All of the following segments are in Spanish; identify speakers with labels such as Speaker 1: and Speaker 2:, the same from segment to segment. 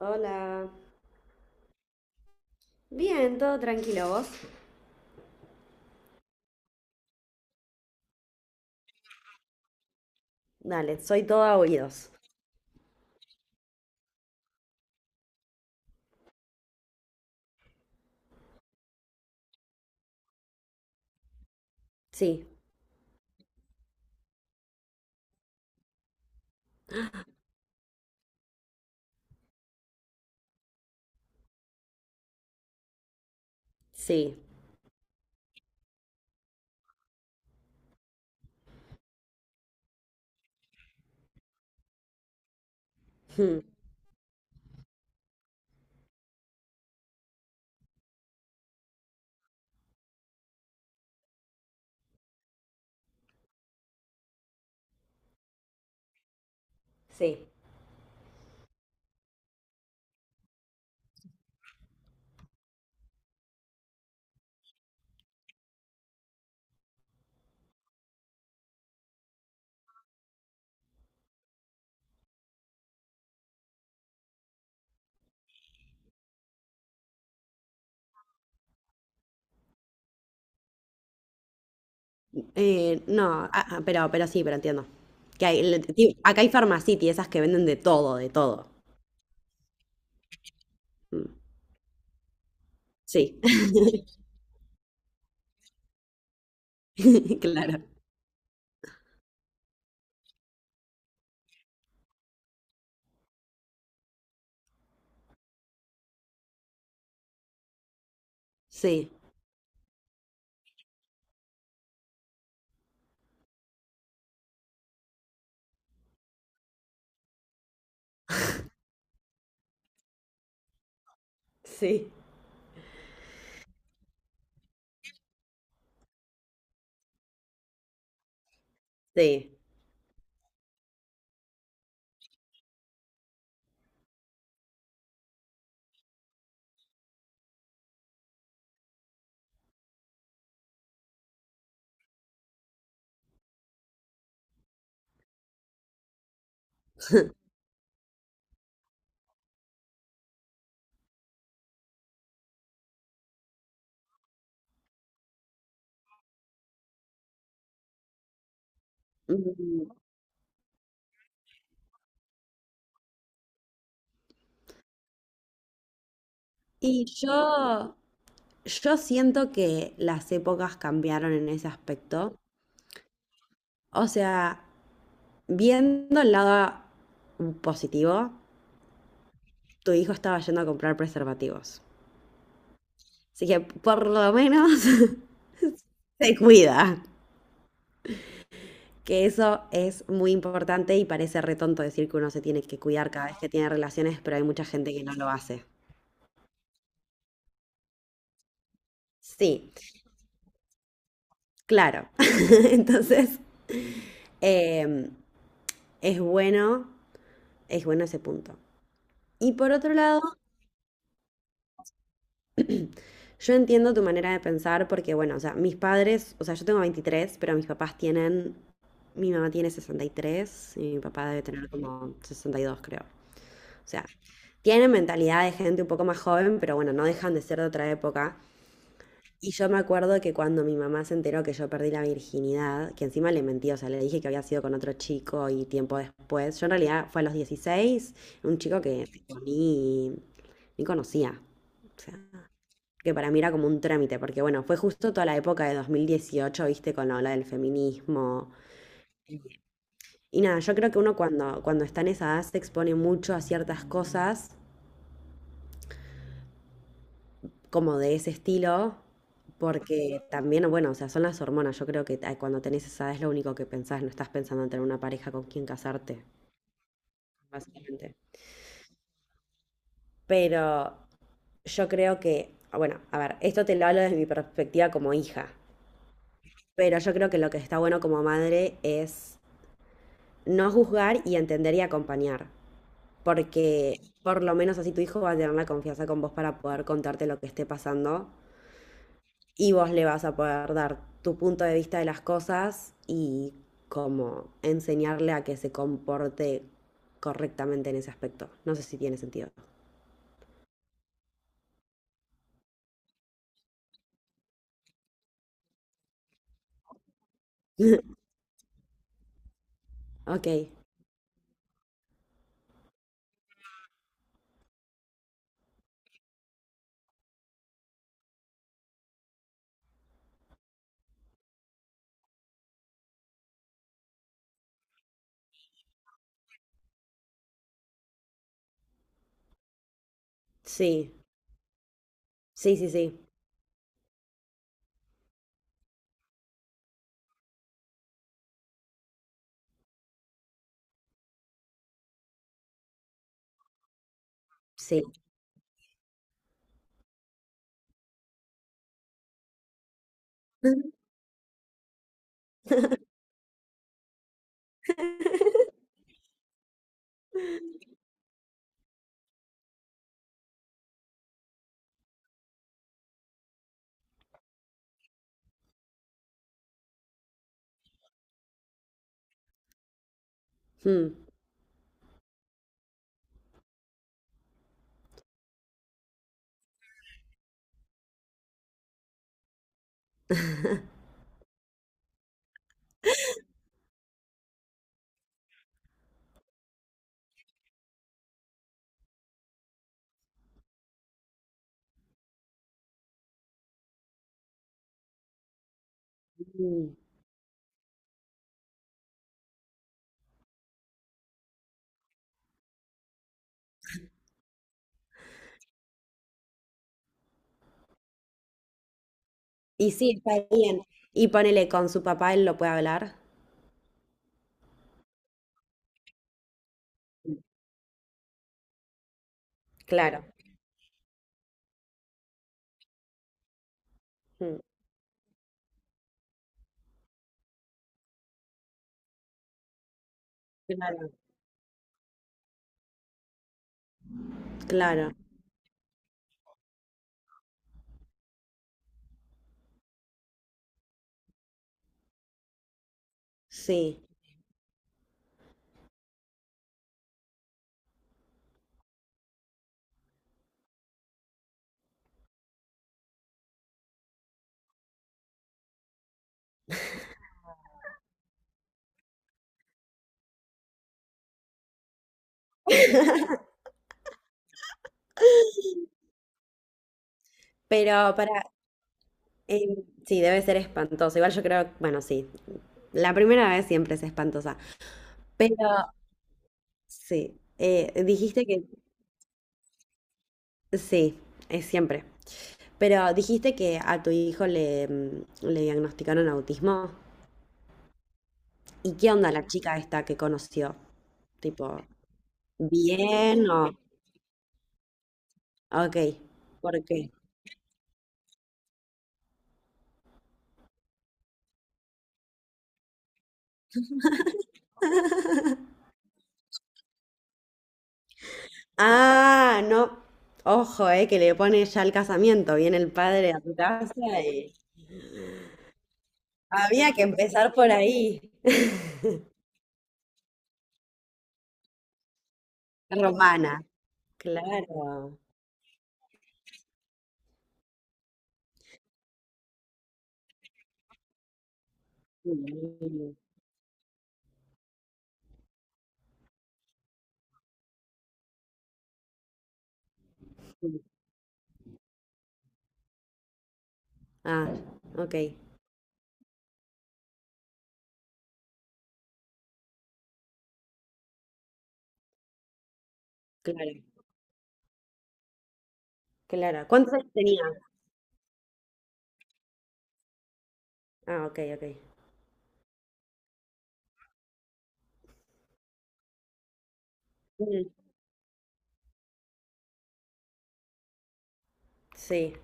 Speaker 1: Hola. Bien, todo tranquilo, ¿vos? Dale, soy toda oídos. Sí. Sí. Mm. Sí. No. Ah, ah, pero sí, pero entiendo. Que hay, acá hay Farmacity, esas que venden de todo, de todo. Mm. Sí. Claro. Sí, sí, sí. Mm. Y yo siento que las épocas cambiaron en ese aspecto. O sea, viendo el lado positivo, tu hijo estaba yendo a comprar preservativos. Así que por lo menos se cuida. Que eso es muy importante y parece retonto decir que uno se tiene que cuidar cada vez que tiene relaciones, pero hay mucha gente que no lo hace. Sí, claro. Entonces, eh, es bueno, es bueno ese punto. Y por otro lado, yo entiendo tu manera de pensar porque, bueno, o sea, mis padres, o sea, yo tengo 23, pero mis papás tienen, mi mamá tiene 63 y tres y mi papá debe tener como 62, creo. O sea, tienen mentalidad de gente un poco más joven, pero bueno, no dejan de ser de otra época. Y yo me acuerdo que cuando mi mamá se enteró que yo perdí la virginidad, que encima le mentí, o sea, le dije que había sido con otro chico y tiempo después, yo en realidad fue a los 16, un chico que ni, ni conocía. O sea, que para mí era como un trámite, porque bueno, fue justo toda la época de 2018, viste, con la ola del feminismo. Y nada, yo creo que uno cuando está en esa edad se expone mucho a ciertas cosas como de ese estilo, porque también, bueno, o sea, son las hormonas. Yo creo que cuando tenés esa edad es lo único que pensás, no estás pensando en tener una pareja con quien casarte, básicamente. Pero yo creo que, bueno, a ver, esto te lo hablo desde mi perspectiva como hija, pero yo creo que lo que está bueno como madre es no juzgar y entender y acompañar, porque por lo menos así tu hijo va a tener la confianza con vos para poder contarte lo que esté pasando y vos le vas a poder dar tu punto de vista de las cosas y como enseñarle a que se comporte correctamente en ese aspecto. No sé si tiene sentido. Ok, sí, sí, sí, sí, sí. Mm, mm. Y sí, está bien. Y ponele con su papá, él lo puede hablar. Claro. Mm. Claro. Claro, sí. Pero para. Sí, debe ser espantoso. Igual yo creo, bueno, sí, la primera vez siempre es espantosa. Pero sí, dijiste que, sí, es siempre. Pero dijiste que a tu hijo le, le diagnosticaron autismo. ¿Y qué onda la chica esta que conoció? Tipo, ¿bien o...? Ok, ¿por qué? Ah, no. Ojo, que le pone ya el casamiento. Viene el padre a tu casa y... Había que empezar por ahí. Romana. Claro. Mm, mm. Ah, ok. Claro, claro. ¿Cuántos años tenía? Ah, ok, ok. Mm. Sí,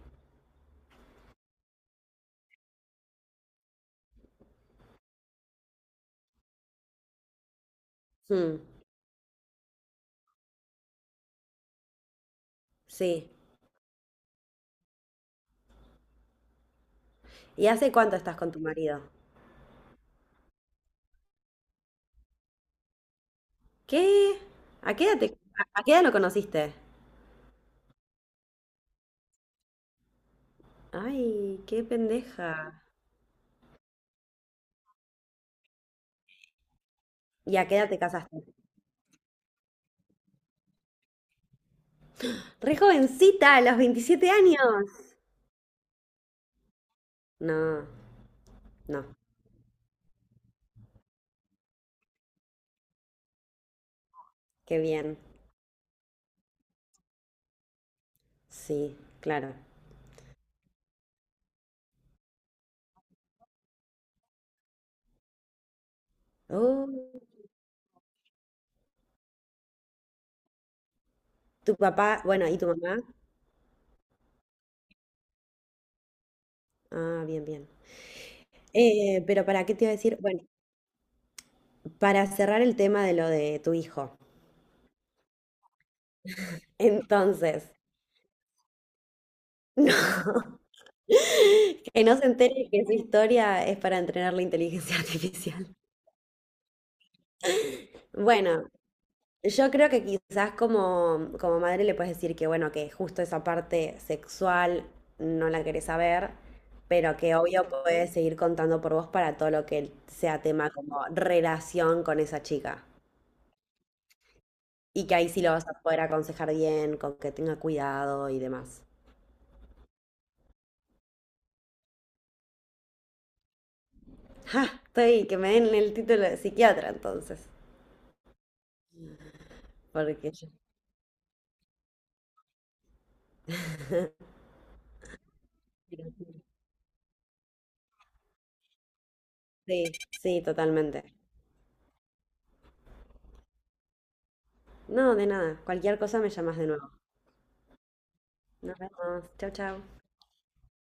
Speaker 1: mm, sí. ¿Y hace cuánto estás con tu marido? ¿Qué? ¿A qué edad a qué edad lo conociste? Ay, qué pendeja. ¿Y a qué edad te casaste? Re jovencita, a los 27 años. No, no. Qué bien. Sí, claro. Oh, tu papá, bueno, ¿y tu mamá? Ah, bien, bien. Pero ¿para qué te iba a decir? Bueno, para cerrar el tema de lo de tu hijo. Entonces, no, que no se entere que su historia es para entrenar la inteligencia artificial. Bueno, yo creo que quizás como madre le puedes decir que, bueno, que justo esa parte sexual no la querés saber, pero que obvio puedes seguir contando por vos para todo lo que sea tema como relación con esa chica. Y que ahí sí lo vas a poder aconsejar bien, con que tenga cuidado y demás. ¡Ja! Estoy, que me den el título de psiquiatra entonces. Porque yo- Sí, sí, totalmente. No, de nada. Cualquier cosa me llamas de nuevo. Nos vemos. Chau, chau.